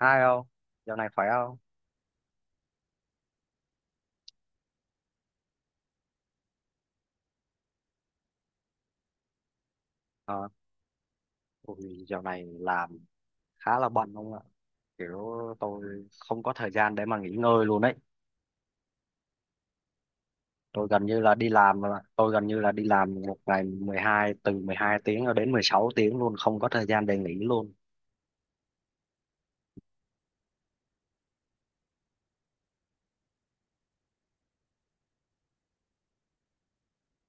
Hai không? Dạo này khỏe không? Ờ, Ui, dạo này làm khá là bận không ạ? Kiểu tôi không có thời gian để mà nghỉ ngơi luôn đấy. Tôi gần như là đi làm một ngày 12, từ 12 tiếng cho đến 16 tiếng luôn, không có thời gian để nghỉ luôn.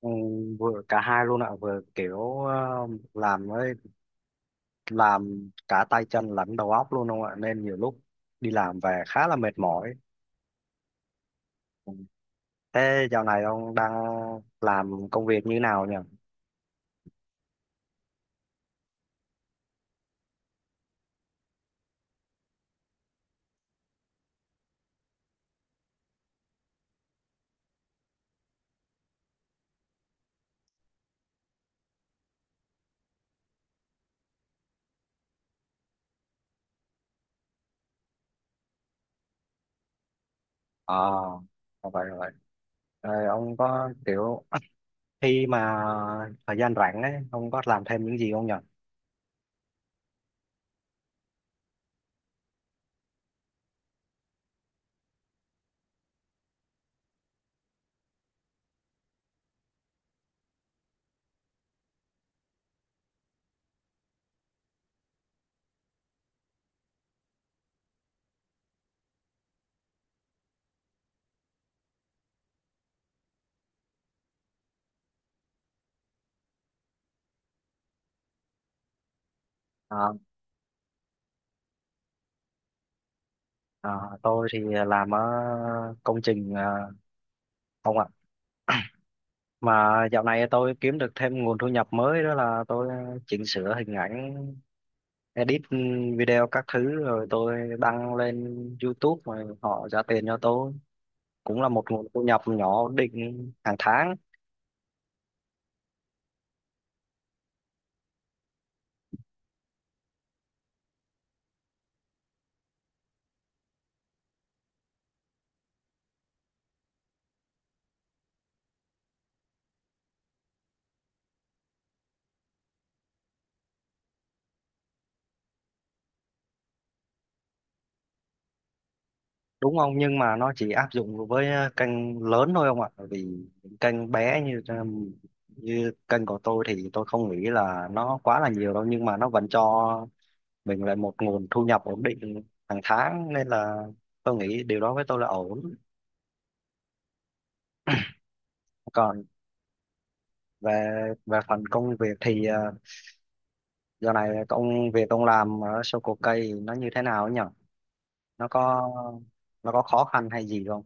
Ừ, vừa cả hai luôn ạ, vừa kiểu làm với làm cả tay chân lẫn đầu óc luôn không ạ? Nên nhiều lúc đi làm về khá là mệt mỏi. Ừ. Thế dạo này ông đang làm công việc như nào nhỉ? À, rồi vậy rồi. Ờ, ông có kiểu khi mà thời gian rảnh ấy, ông có làm thêm những gì không nhỉ? À, à, tôi thì làm ở công trình ông ạ. Mà dạo này tôi kiếm được thêm nguồn thu nhập mới đó là tôi chỉnh sửa hình ảnh, edit video các thứ rồi tôi đăng lên YouTube rồi họ trả tiền cho tôi. Cũng là một nguồn thu nhập nhỏ ổn định hàng tháng. Đúng ông, nhưng mà nó chỉ áp dụng với kênh lớn thôi ông ạ, bởi vì những kênh bé như như kênh của tôi thì tôi không nghĩ là nó quá là nhiều đâu, nhưng mà nó vẫn cho mình lại một nguồn thu nhập ổn định hàng tháng nên là tôi nghĩ điều đó với tôi là ổn. Còn về về phần công việc thì giờ này công việc ông làm ở Soko cây nó như thế nào ấy nhỉ? Nó có nó có khó khăn hay gì không?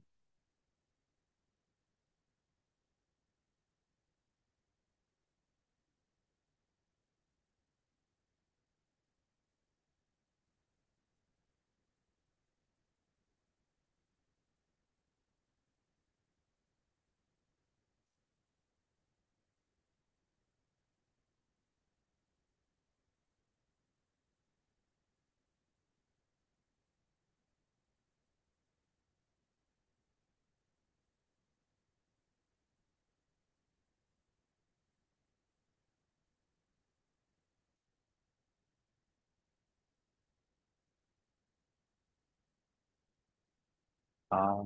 Ờ,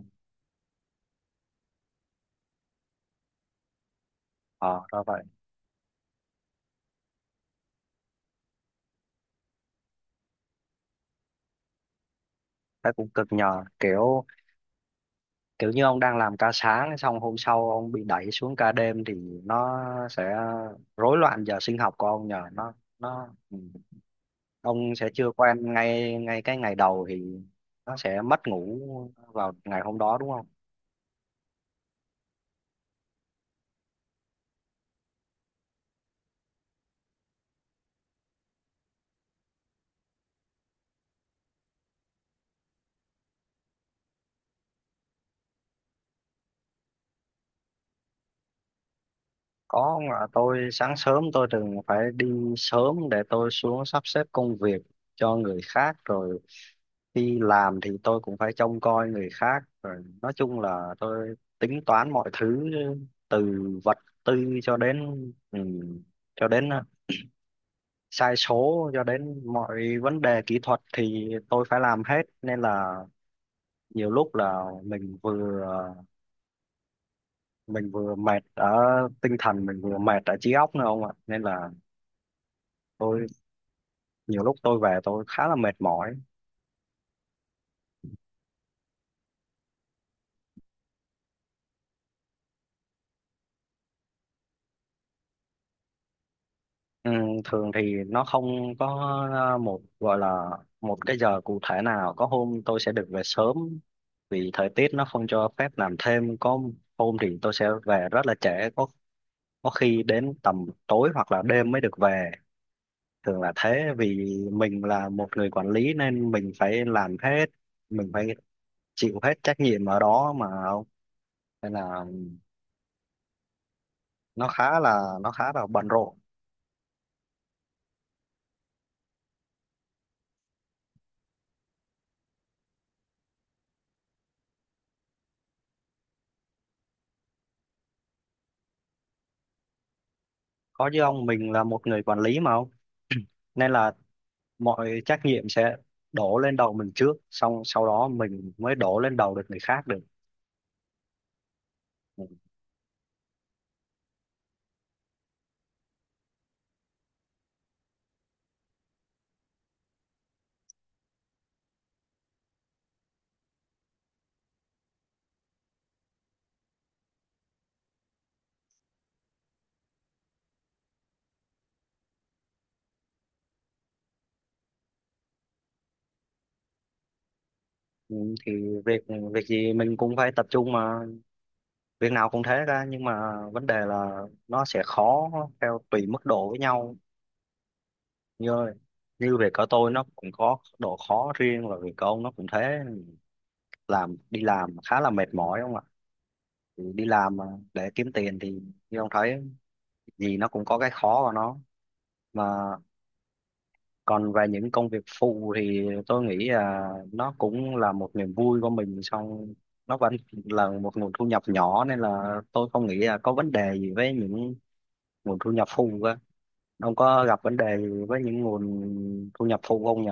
ờ, ra vậy. Thấy cũng cực nhờ, kiểu kiểu như ông đang làm ca sáng xong hôm sau ông bị đẩy xuống ca đêm thì nó sẽ rối loạn giờ sinh học của ông nhờ, nó ừ. Ông sẽ chưa quen ngay, ngay cái ngày đầu thì nó sẽ mất ngủ vào ngày hôm đó đúng không? Có ông ạ, tôi sáng sớm tôi thường phải đi sớm để tôi xuống sắp xếp công việc cho người khác, rồi đi làm thì tôi cũng phải trông coi người khác, rồi nói chung là tôi tính toán mọi thứ từ vật tư ừ, cho đến sai số, cho đến mọi vấn đề kỹ thuật thì tôi phải làm hết, nên là nhiều lúc là mình vừa mệt ở tinh thần, mình vừa mệt ở trí óc nữa ông ạ, nên là tôi nhiều lúc tôi về tôi khá là mệt mỏi. Ừ, thường thì nó không có gọi là một cái giờ cụ thể nào. Có hôm tôi sẽ được về sớm vì thời tiết nó không cho phép làm thêm, có hôm thì tôi sẽ về rất là trễ, có có khi đến tầm tối hoặc là đêm mới được về, thường là thế vì mình là một người quản lý nên mình phải làm hết, mình phải chịu hết trách nhiệm ở đó mà, nên là nó khá là bận rộn. Có chứ ông, mình là một người quản lý mà ông, nên là mọi trách nhiệm sẽ đổ lên đầu mình trước, xong sau đó mình mới đổ lên đầu được người khác được. Ừ, thì việc việc gì mình cũng phải tập trung mà, việc nào cũng thế ra, nhưng mà vấn đề là nó sẽ khó theo tùy mức độ với nhau, như như việc của tôi nó cũng có độ khó riêng và việc của ông nó cũng thế, làm đi làm khá là mệt mỏi không ạ? Thì đi làm mà để kiếm tiền thì như ông thấy, gì nó cũng có cái khó của nó mà. Còn về những công việc phụ thì tôi nghĩ là nó cũng là một niềm vui của mình, xong nó vẫn là một nguồn thu nhập nhỏ nên là tôi không nghĩ là có vấn đề gì với những nguồn thu nhập phụ cơ. Ông có gặp vấn đề gì với những nguồn thu nhập phụ không nhỉ?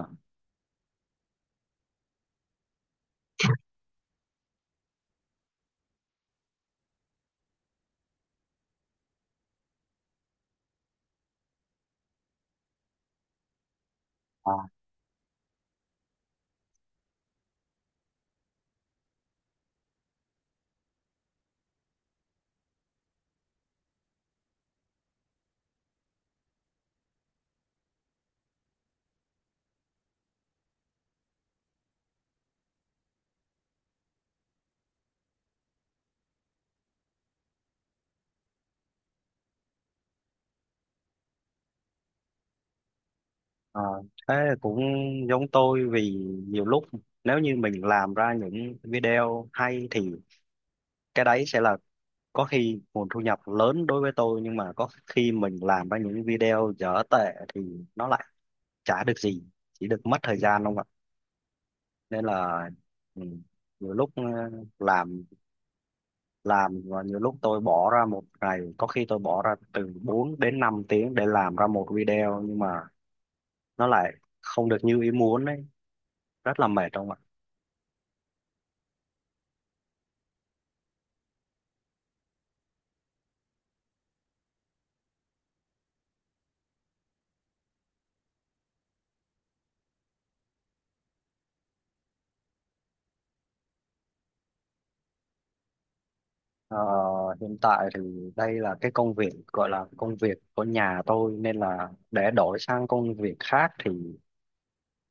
À, à, thế cũng giống tôi vì nhiều lúc nếu như mình làm ra những video hay thì cái đấy sẽ là có khi nguồn thu nhập lớn đối với tôi, nhưng mà có khi mình làm ra những video dở tệ thì nó lại chả được gì, chỉ được mất thời gian không ạ, nên là ừ, nhiều lúc làm làm và nhiều lúc tôi bỏ ra một ngày, có khi tôi bỏ ra từ 4 đến 5 tiếng để làm ra một video nhưng mà nó lại không được như ý muốn ấy, rất là mệt không ạ? Ờ, hiện tại thì đây là cái công việc gọi là công việc của nhà tôi nên là để đổi sang công việc khác thì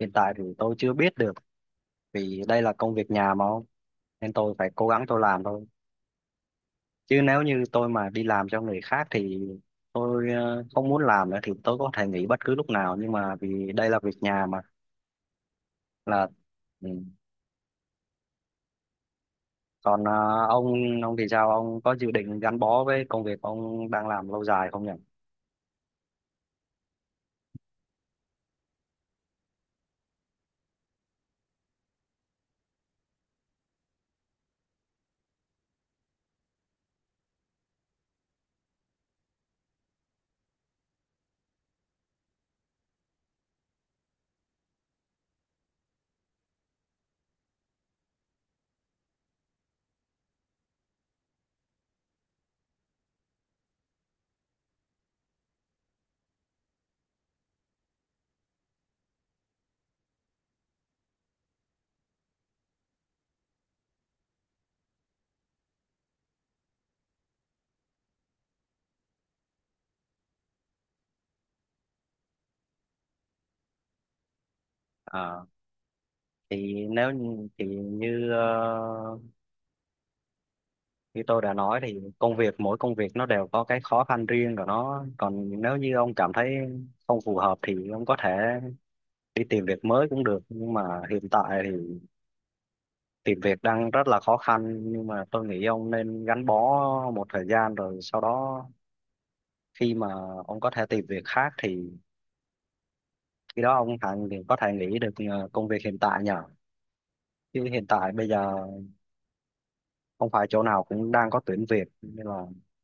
hiện tại thì tôi chưa biết được, vì đây là công việc nhà mà không, nên tôi phải cố gắng tôi làm thôi, chứ nếu như tôi mà đi làm cho người khác thì tôi không muốn làm nữa thì tôi có thể nghỉ bất cứ lúc nào, nhưng mà vì đây là việc nhà mà, là ừ. Còn ông ông thì sao, ông có dự định gắn bó với công việc ông đang làm lâu dài không nhỉ? Ờ, thì thì như tôi đã nói thì công việc mỗi công việc nó đều có cái khó khăn riêng của nó, còn nếu như ông cảm thấy không phù hợp thì ông có thể đi tìm việc mới cũng được, nhưng mà hiện tại thì tìm việc đang rất là khó khăn, nhưng mà tôi nghĩ ông nên gắn bó một thời gian rồi sau đó khi mà ông có thể tìm việc khác thì khi đó ông hẳn thì có thể nghỉ được công việc hiện tại nhờ, chứ hiện tại bây giờ không phải chỗ nào cũng đang có tuyển việc nên là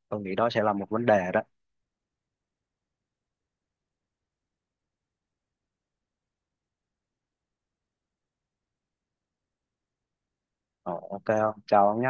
tôi nghĩ đó sẽ là một vấn đề đó. Ờ, ok ông, chào ông nhé.